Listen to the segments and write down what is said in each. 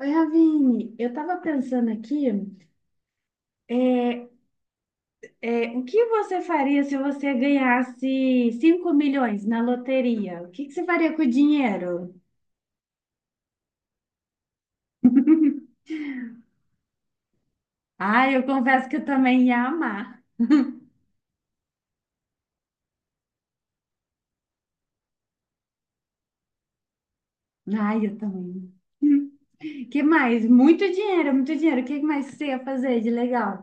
Oi, Ravine, eu estava pensando aqui, é, é, o que você faria se você ganhasse 5 milhões na loteria? O que que você faria com o dinheiro? Ah, eu confesso que eu também ia amar. Ah, eu também. Hum. Que mais? Muito dinheiro, muito dinheiro. O que mais você ia fazer de legal?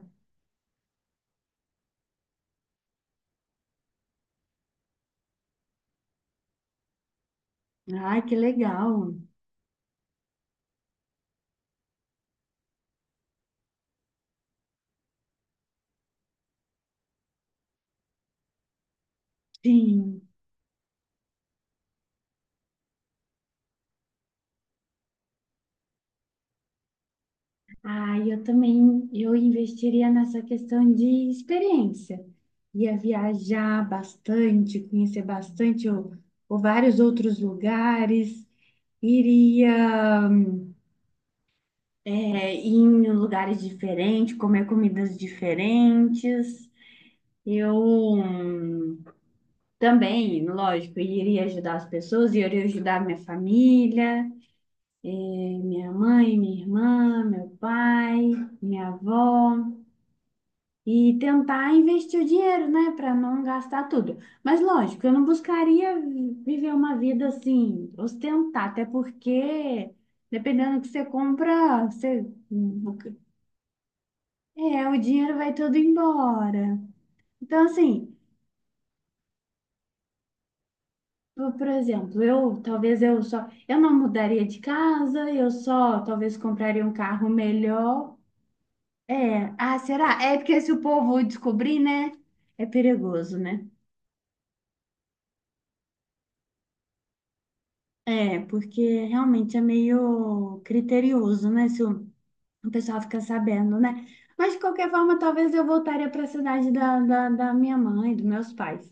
Ai, que legal. Sim. Ah, e eu também, eu investiria nessa questão de experiência. Ia viajar bastante, conhecer bastante ou vários outros lugares, iria é, ir em lugares diferentes, comer comidas diferentes. Eu hum, também, lógico, iria ajudar as pessoas, iria ajudar minha família, minha mãe, minha irmã, meu pai, minha avó. E tentar investir o dinheiro, né, para não gastar tudo. Mas lógico, eu não buscaria viver uma vida assim, ostentar, até porque dependendo do que você compra, você é, o dinheiro vai todo embora. Então assim, por exemplo, eu talvez eu só eu não mudaria de casa, eu só talvez compraria um carro melhor. É, ah, será? É porque se o povo descobrir, né, é perigoso, né? É, porque realmente é meio criterioso, né? Se o pessoal fica sabendo, né? Mas de qualquer forma, talvez eu voltaria para a cidade da minha mãe, dos meus pais.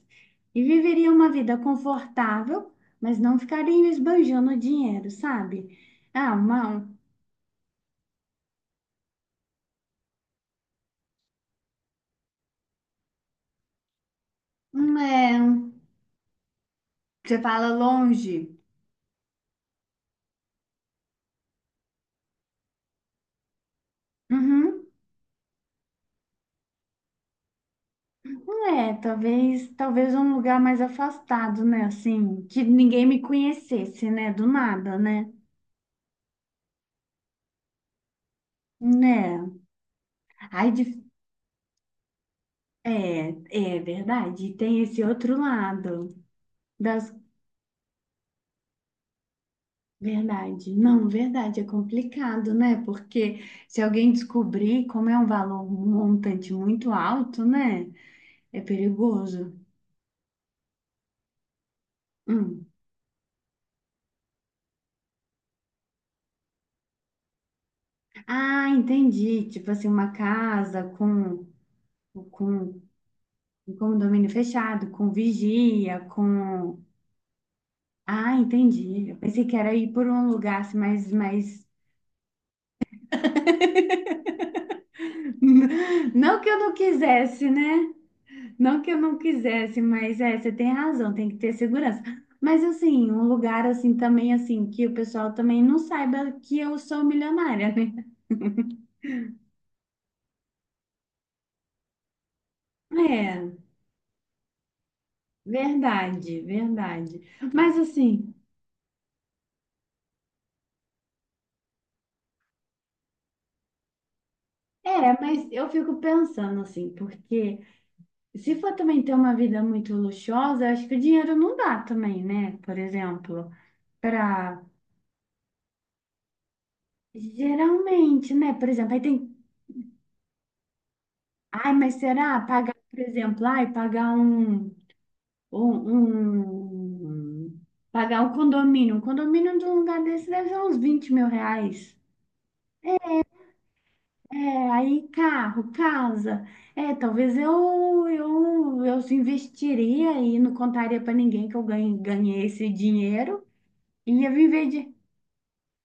E viveria uma vida confortável, mas não ficaria esbanjando dinheiro, sabe? Ah, uma, um, é, um- Você fala longe. Uhum. É, talvez, talvez um lugar mais afastado, né? Assim, que ninguém me conhecesse, né? Do nada, né? Né? Ai, É, é verdade. Tem esse outro lado das verdade. Não, verdade, é complicado, né? Porque se alguém descobrir como é um valor um montante muito alto, né? É perigoso. Hum. Ah, entendi. Tipo assim, uma casa com com um condomínio fechado, com vigia, com Ah, entendi. Eu pensei que era ir por um lugar assim, mais não que eu não quisesse, né? Não que eu não quisesse, mas é, você tem razão, tem que ter segurança. Mas assim, um lugar assim também assim que o pessoal também não saiba que eu sou milionária, né? É, verdade, verdade. Mas assim, é, mas eu fico pensando assim, porque se for também ter uma vida muito luxuosa, eu acho que o dinheiro não dá também, né? Por exemplo, para geralmente, né? Por exemplo, aí tem, ai, mas será pagar, por exemplo, ai, pagar um Um, um- pagar um condomínio. Um condomínio de um lugar desse deve ser uns 20 mil reais. É, aí carro, casa. É, talvez eu investiria e não contaria para ninguém que eu ganhei esse dinheiro e ia viver de.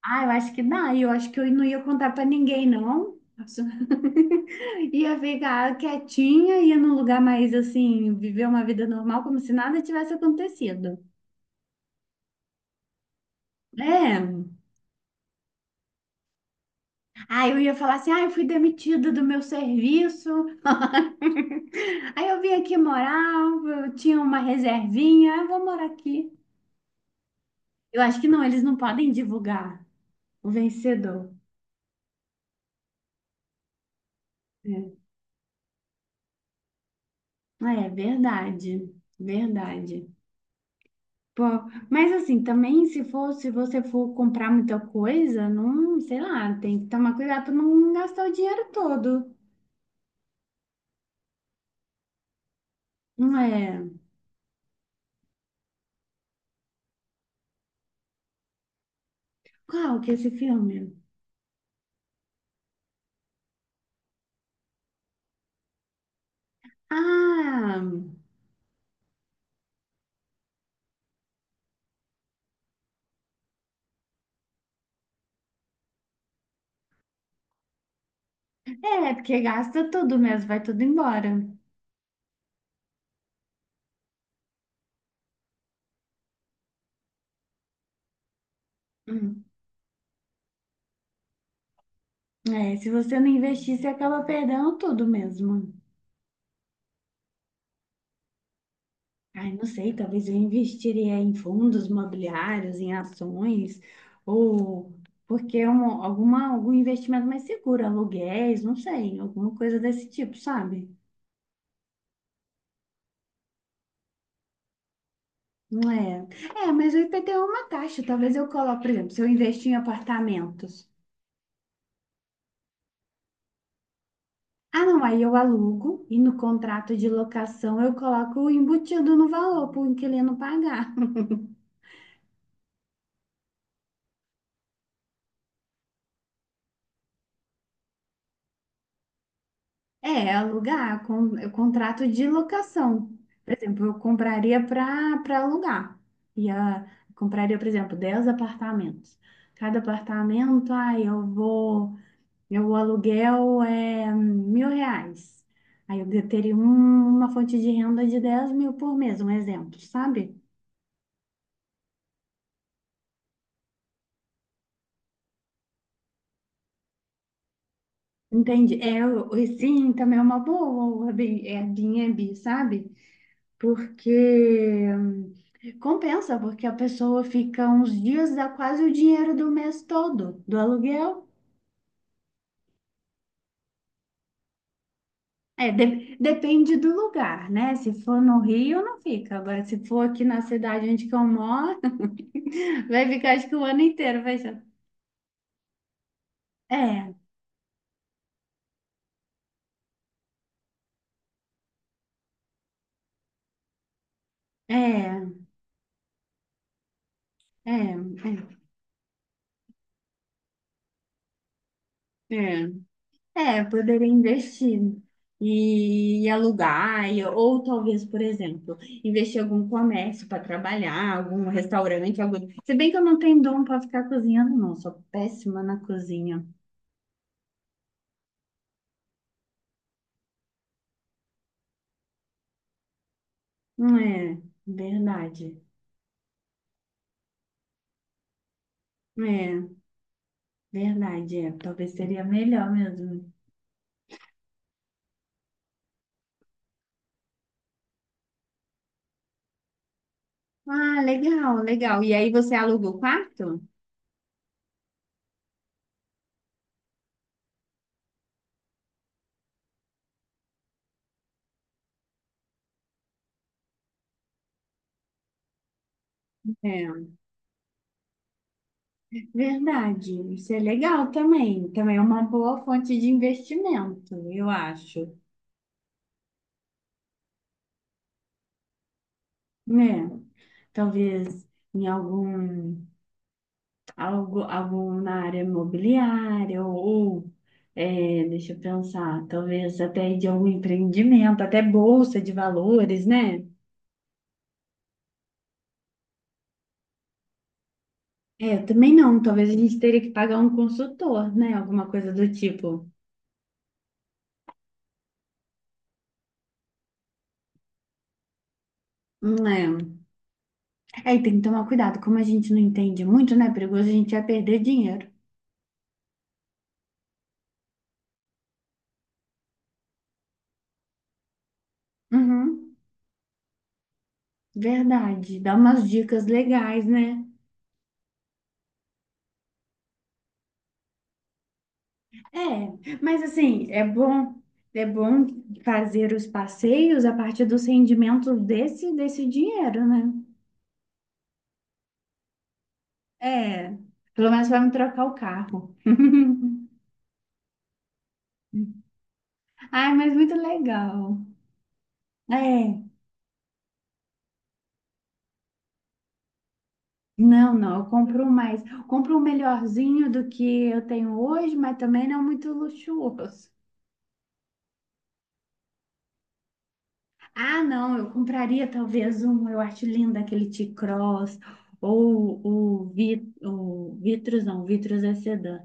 Ah, eu acho que dá. Eu acho que eu não ia contar para ninguém, não. Nossa. Ia ficar quietinha, ia num lugar mais assim, viver uma vida normal, como se nada tivesse acontecido. É. Aí eu ia falar assim, ah, eu fui demitida do meu serviço, aí eu vim aqui morar, eu tinha uma reservinha, ah, eu vou morar aqui. Eu acho que não, eles não podem divulgar o vencedor. É, Ah, é verdade, verdade. Pô, mas assim, também se for, se você for comprar muita coisa, não, sei lá, tem que tomar cuidado para não gastar o dinheiro todo. Não é? Qual que é esse filme? Ah! É, porque gasta tudo mesmo, vai tudo embora. Hum. É, se você não investir, você acaba perdendo tudo mesmo. Ai, não sei, talvez eu investiria em fundos imobiliários, em ações, ou porque é um, alguma, algum investimento mais seguro, aluguéis, não sei, alguma coisa desse tipo, sabe? Não é. É, mas o IPTU é uma taxa, talvez eu coloque, por exemplo, se eu investir em apartamentos. Ah, não, aí eu alugo e no contrato de locação eu coloco embutido no valor para o inquilino pagar. É, alugar, con, é contrato de locação. Por exemplo, eu compraria para alugar. E a, compraria, por exemplo, 10 apartamentos. Cada apartamento, aí eu vou, meu aluguel é 1.000 reais. Aí eu teria um- uma fonte de renda de 10 mil por mês, um exemplo, sabe? Entendi. É, o- sim, também é uma boa o Airbnb, sabe? Porque compensa, porque a pessoa fica uns dias, dá quase o dinheiro do mês todo do aluguel. É, de- depende do lugar, né? Se for no Rio, não fica. Agora, se for aqui na cidade onde que eu moro, vai ficar acho que o ano inteiro, vai ser. É, é, é, é, é. É, poderia investir e alugar, e- ou talvez, por exemplo, investir em algum comércio para trabalhar, algum restaurante, algo. Se bem que eu não tenho dom para ficar cozinhando, não, sou péssima na cozinha. Não É, verdade. É, verdade, é. Talvez seria melhor mesmo. Ah, legal, legal. E aí você aluga o quarto? É, verdade. Isso é legal também. Também é uma boa fonte de investimento, eu acho. É. Talvez em algum, algo, algum na área imobiliária ou, é, deixa eu pensar, talvez até de algum empreendimento, até bolsa de valores, né? É, eu também não, talvez a gente teria que pagar um consultor, né? Alguma coisa do tipo. Não É. Aí tem que tomar cuidado, como a gente não entende muito, né? É perigoso, a gente vai perder dinheiro. Uhum, verdade. Dá umas dicas legais, né? É, mas assim, é bom fazer os passeios a partir dos rendimentos desse dinheiro, né? É, pelo menos vai me trocar o carro. Ai, mas muito legal. É, não, eu compro mais. Compro um melhorzinho do que eu tenho hoje, mas também não é muito luxuoso. Ah, não, eu compraria talvez um, eu acho lindo aquele T-Cross, ou o, Vit, o Vitrus, não, o Vitrus é sedã.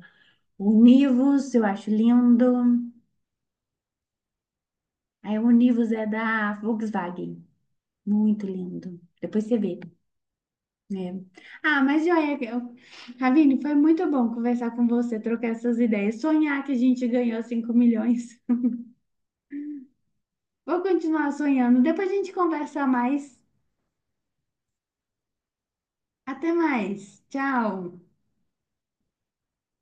O Nivus, eu acho lindo. Aí o Nivus é da Volkswagen. Muito lindo. Depois você vê. É. Ah, mas joia, eu- Ravine, foi muito bom conversar com você, trocar essas ideias. Sonhar que a gente ganhou 5 milhões. Vou continuar sonhando. Depois a gente conversa mais. Até mais. Tchau.